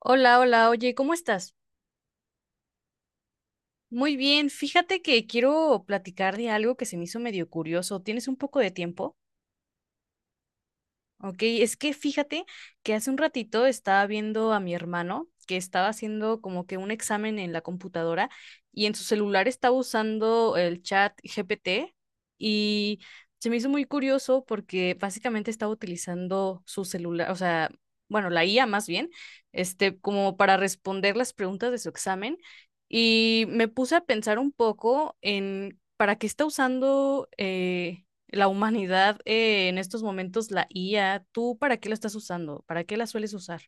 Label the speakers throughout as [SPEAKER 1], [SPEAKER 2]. [SPEAKER 1] Hola, hola, oye, ¿cómo estás? Muy bien, fíjate que quiero platicar de algo que se me hizo medio curioso. ¿Tienes un poco de tiempo? Ok, es que fíjate que hace un ratito estaba viendo a mi hermano que estaba haciendo como que un examen en la computadora y en su celular estaba usando el chat GPT y se me hizo muy curioso porque básicamente estaba utilizando su celular, o sea, bueno, la IA más bien, este, como para responder las preguntas de su examen y me puse a pensar un poco en para qué está usando la humanidad, en estos momentos, la IA. ¿Tú para qué la estás usando? ¿Para qué la sueles usar?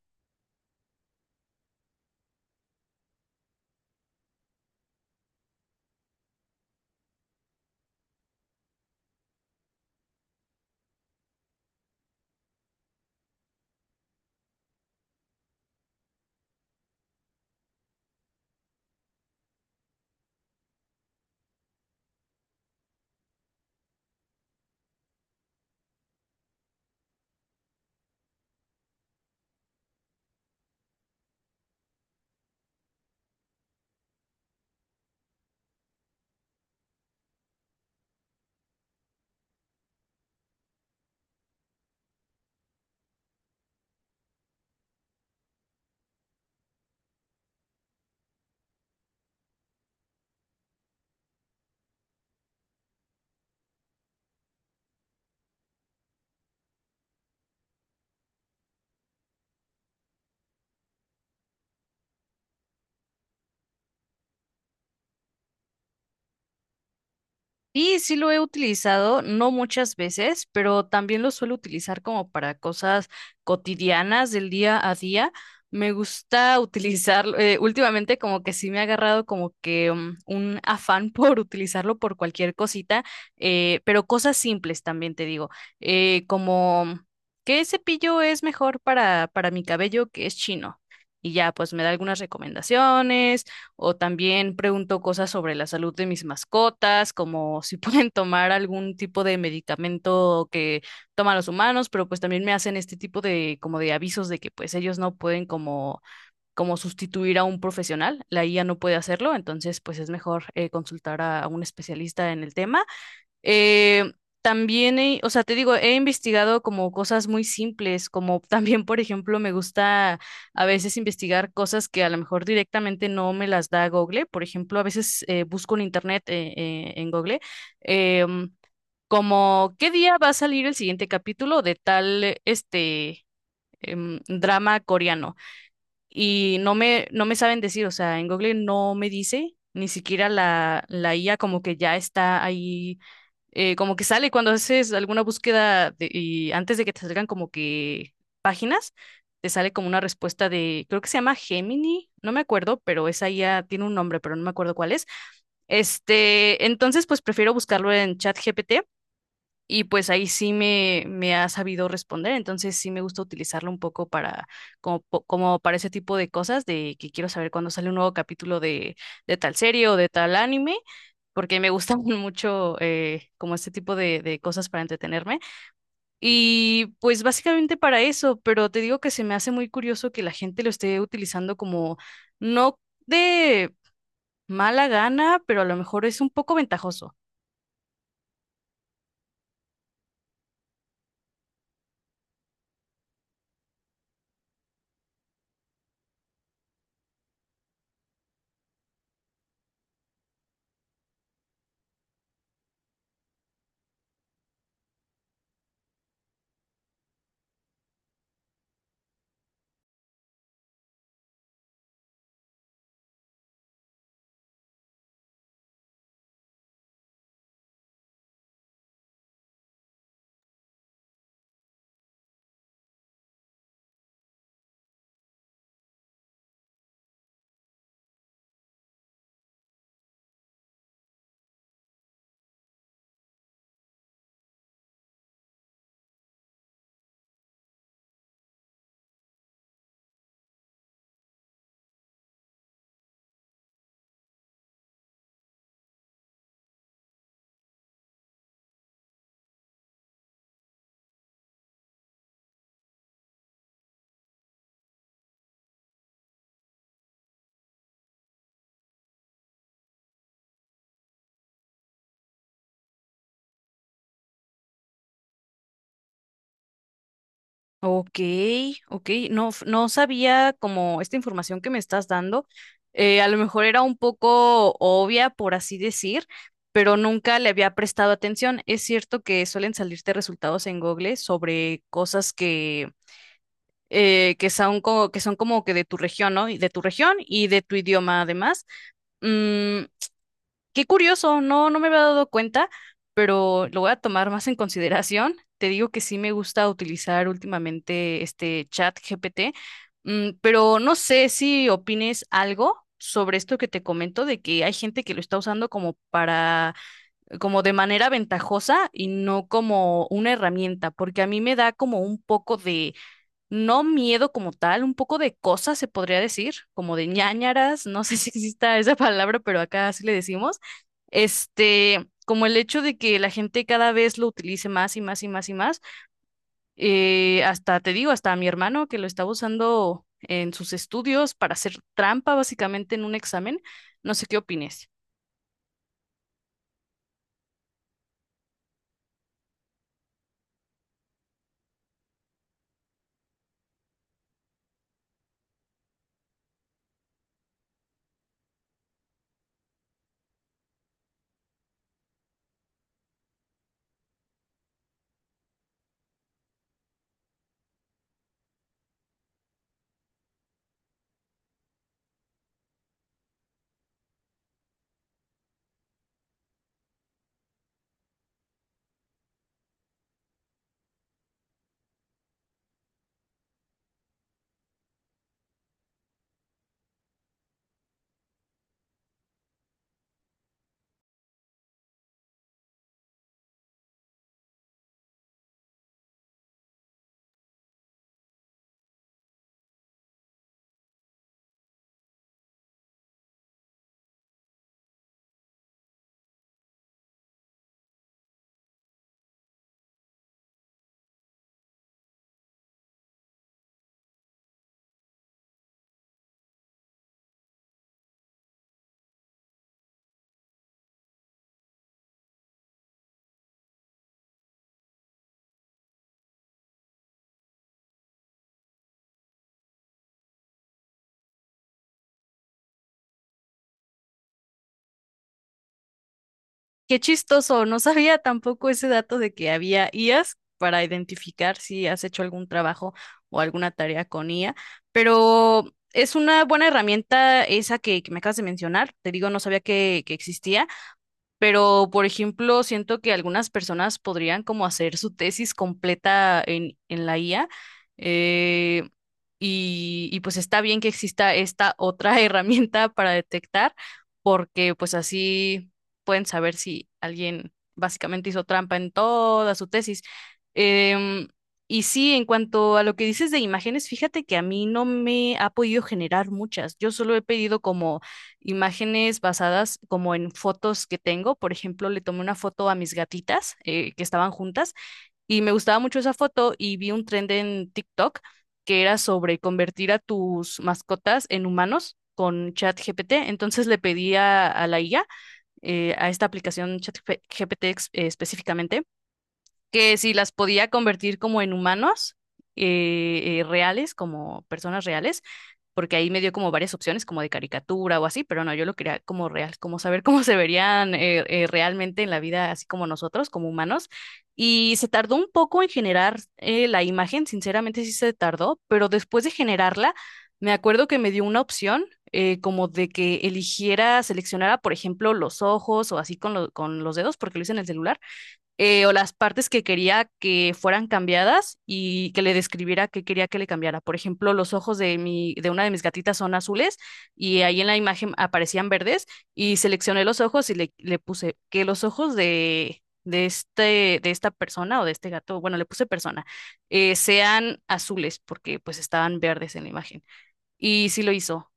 [SPEAKER 1] Sí, sí lo he utilizado, no muchas veces, pero también lo suelo utilizar como para cosas cotidianas del día a día. Me gusta utilizarlo, últimamente como que sí me ha agarrado como que un afán por utilizarlo por cualquier cosita, pero cosas simples también te digo, como ¿qué cepillo es mejor para mi cabello que es chino? Y ya, pues me da algunas recomendaciones o también pregunto cosas sobre la salud de mis mascotas, como si pueden tomar algún tipo de medicamento que toman los humanos, pero pues también me hacen este tipo de como de avisos de que pues ellos no pueden como sustituir a un profesional, la IA no puede hacerlo, entonces pues es mejor consultar a un especialista en el tema. Eh, también, o sea, te digo, he investigado como cosas muy simples, como también, por ejemplo, me gusta a veces investigar cosas que a lo mejor directamente no me las da Google. Por ejemplo, a veces busco en internet, en Google, em, como qué día va a salir el siguiente capítulo de tal, este, drama coreano. No me saben decir, o sea, en Google no me dice. Ni siquiera la IA como que ya está ahí como que sale cuando haces alguna búsqueda y antes de que te salgan como que páginas, te sale como una respuesta de, creo que se llama Gemini, no me acuerdo, pero esa ya tiene un nombre, pero no me acuerdo cuál es. Este, entonces pues prefiero buscarlo en ChatGPT y pues ahí sí me ha sabido responder, entonces sí me gusta utilizarlo un poco para como, como para ese tipo de cosas de que quiero saber cuándo sale un nuevo capítulo de tal serie o de tal anime porque me gustan mucho como este tipo de cosas para entretenerme. Y pues básicamente para eso, pero te digo que se me hace muy curioso que la gente lo esté utilizando como no de mala gana, pero a lo mejor es un poco ventajoso. Ok, ok, no, no sabía como esta información que me estás dando, a lo mejor era un poco obvia, por así decir, pero nunca le había prestado atención. Es cierto que suelen salirte resultados en Google sobre cosas que son como, que son como que de tu región, ¿no? Y de tu región y de tu idioma además. Mm, Qué curioso, no, no me había dado cuenta, pero lo voy a tomar más en consideración. Te digo que sí me gusta utilizar últimamente este chat GPT, pero no sé si opines algo sobre esto que te comento de que hay gente que lo está usando como para, como de manera ventajosa y no como una herramienta, porque a mí me da como un poco de no miedo como tal, un poco de cosas se podría decir, como de ñáñaras, no sé si exista esa palabra, pero acá sí le decimos. Este, como el hecho de que la gente cada vez lo utilice más y más y más y más. Hasta te digo, hasta a mi hermano que lo estaba usando en sus estudios para hacer trampa básicamente en un examen. No sé qué opines. Qué chistoso, no sabía tampoco ese dato de que había IAs para identificar si has hecho algún trabajo o alguna tarea con IA, pero es una buena herramienta esa que me acabas de mencionar. Te digo, no sabía que existía. Pero, por ejemplo, siento que algunas personas podrían como hacer su tesis completa en la IA. eh, y, y pues está bien que exista esta otra herramienta para detectar, porque pues así pueden saber si alguien básicamente hizo trampa en toda su tesis. Em, y sí, en cuanto a lo que dices de imágenes, fíjate que a mí no me ha podido generar muchas. Yo solo he pedido como imágenes basadas como en fotos que tengo. Por ejemplo, le tomé una foto a mis gatitas que estaban juntas y me gustaba mucho esa foto y vi un trend en TikTok que era sobre convertir a tus mascotas en humanos con ChatGPT. Entonces le pedí a la IA, a esta aplicación ChatGPT específicamente que si las podía convertir como en humanos reales, como personas reales, porque ahí me dio como varias opciones, como de caricatura o así, pero no, yo lo quería como real, como saber cómo se verían realmente en la vida, así como nosotros, como humanos. Y se tardó un poco en generar la imagen, sinceramente sí se tardó, pero después de generarla, me acuerdo que me dio una opción. Como de que eligiera, seleccionara, por ejemplo, los ojos o así con, con los dedos, porque lo hice en el celular, o las partes que quería que fueran cambiadas y que le describiera qué quería que le cambiara. Por ejemplo, los ojos de mi, de una de mis gatitas son azules y ahí en la imagen aparecían verdes y seleccioné los ojos y le puse que los ojos de este, de esta persona o de este gato, bueno, le puse persona, sean azules porque pues estaban verdes en la imagen. Y sí lo hizo.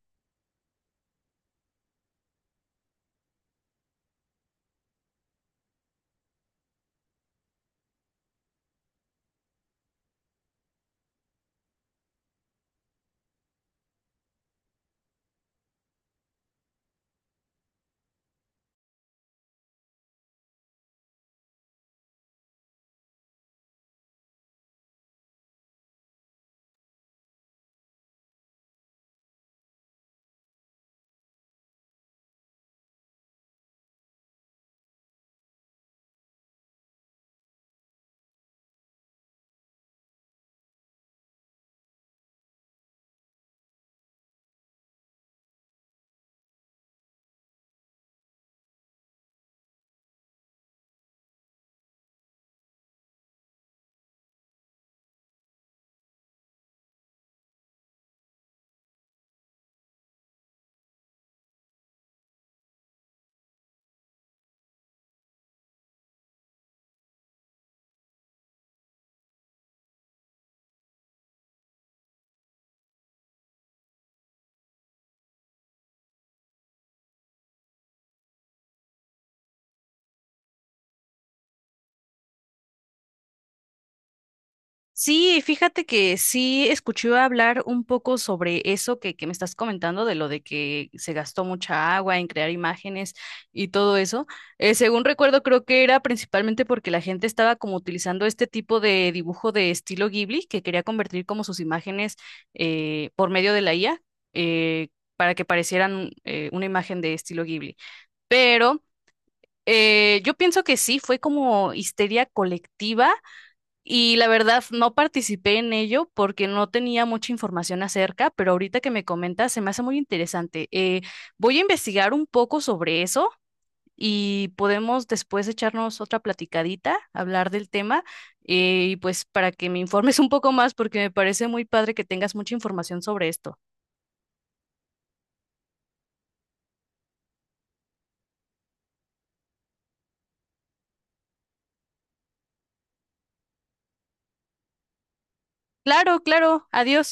[SPEAKER 1] Sí, fíjate que sí escuché hablar un poco sobre eso que me estás comentando, de lo de que se gastó mucha agua en crear imágenes y todo eso. Según recuerdo, creo que era principalmente porque la gente estaba como utilizando este tipo de dibujo de estilo Ghibli, que quería convertir como sus imágenes por medio de la IA, eh, para que parecieran una imagen de estilo Ghibli. Pero yo pienso que sí, fue como histeria colectiva y la verdad, no participé en ello porque no tenía mucha información acerca, pero ahorita que me comentas se me hace muy interesante. Voy a investigar un poco sobre eso y podemos después echarnos otra platicadita, hablar del tema y pues para que me informes un poco más porque me parece muy padre que tengas mucha información sobre esto. Claro, claro, adiós.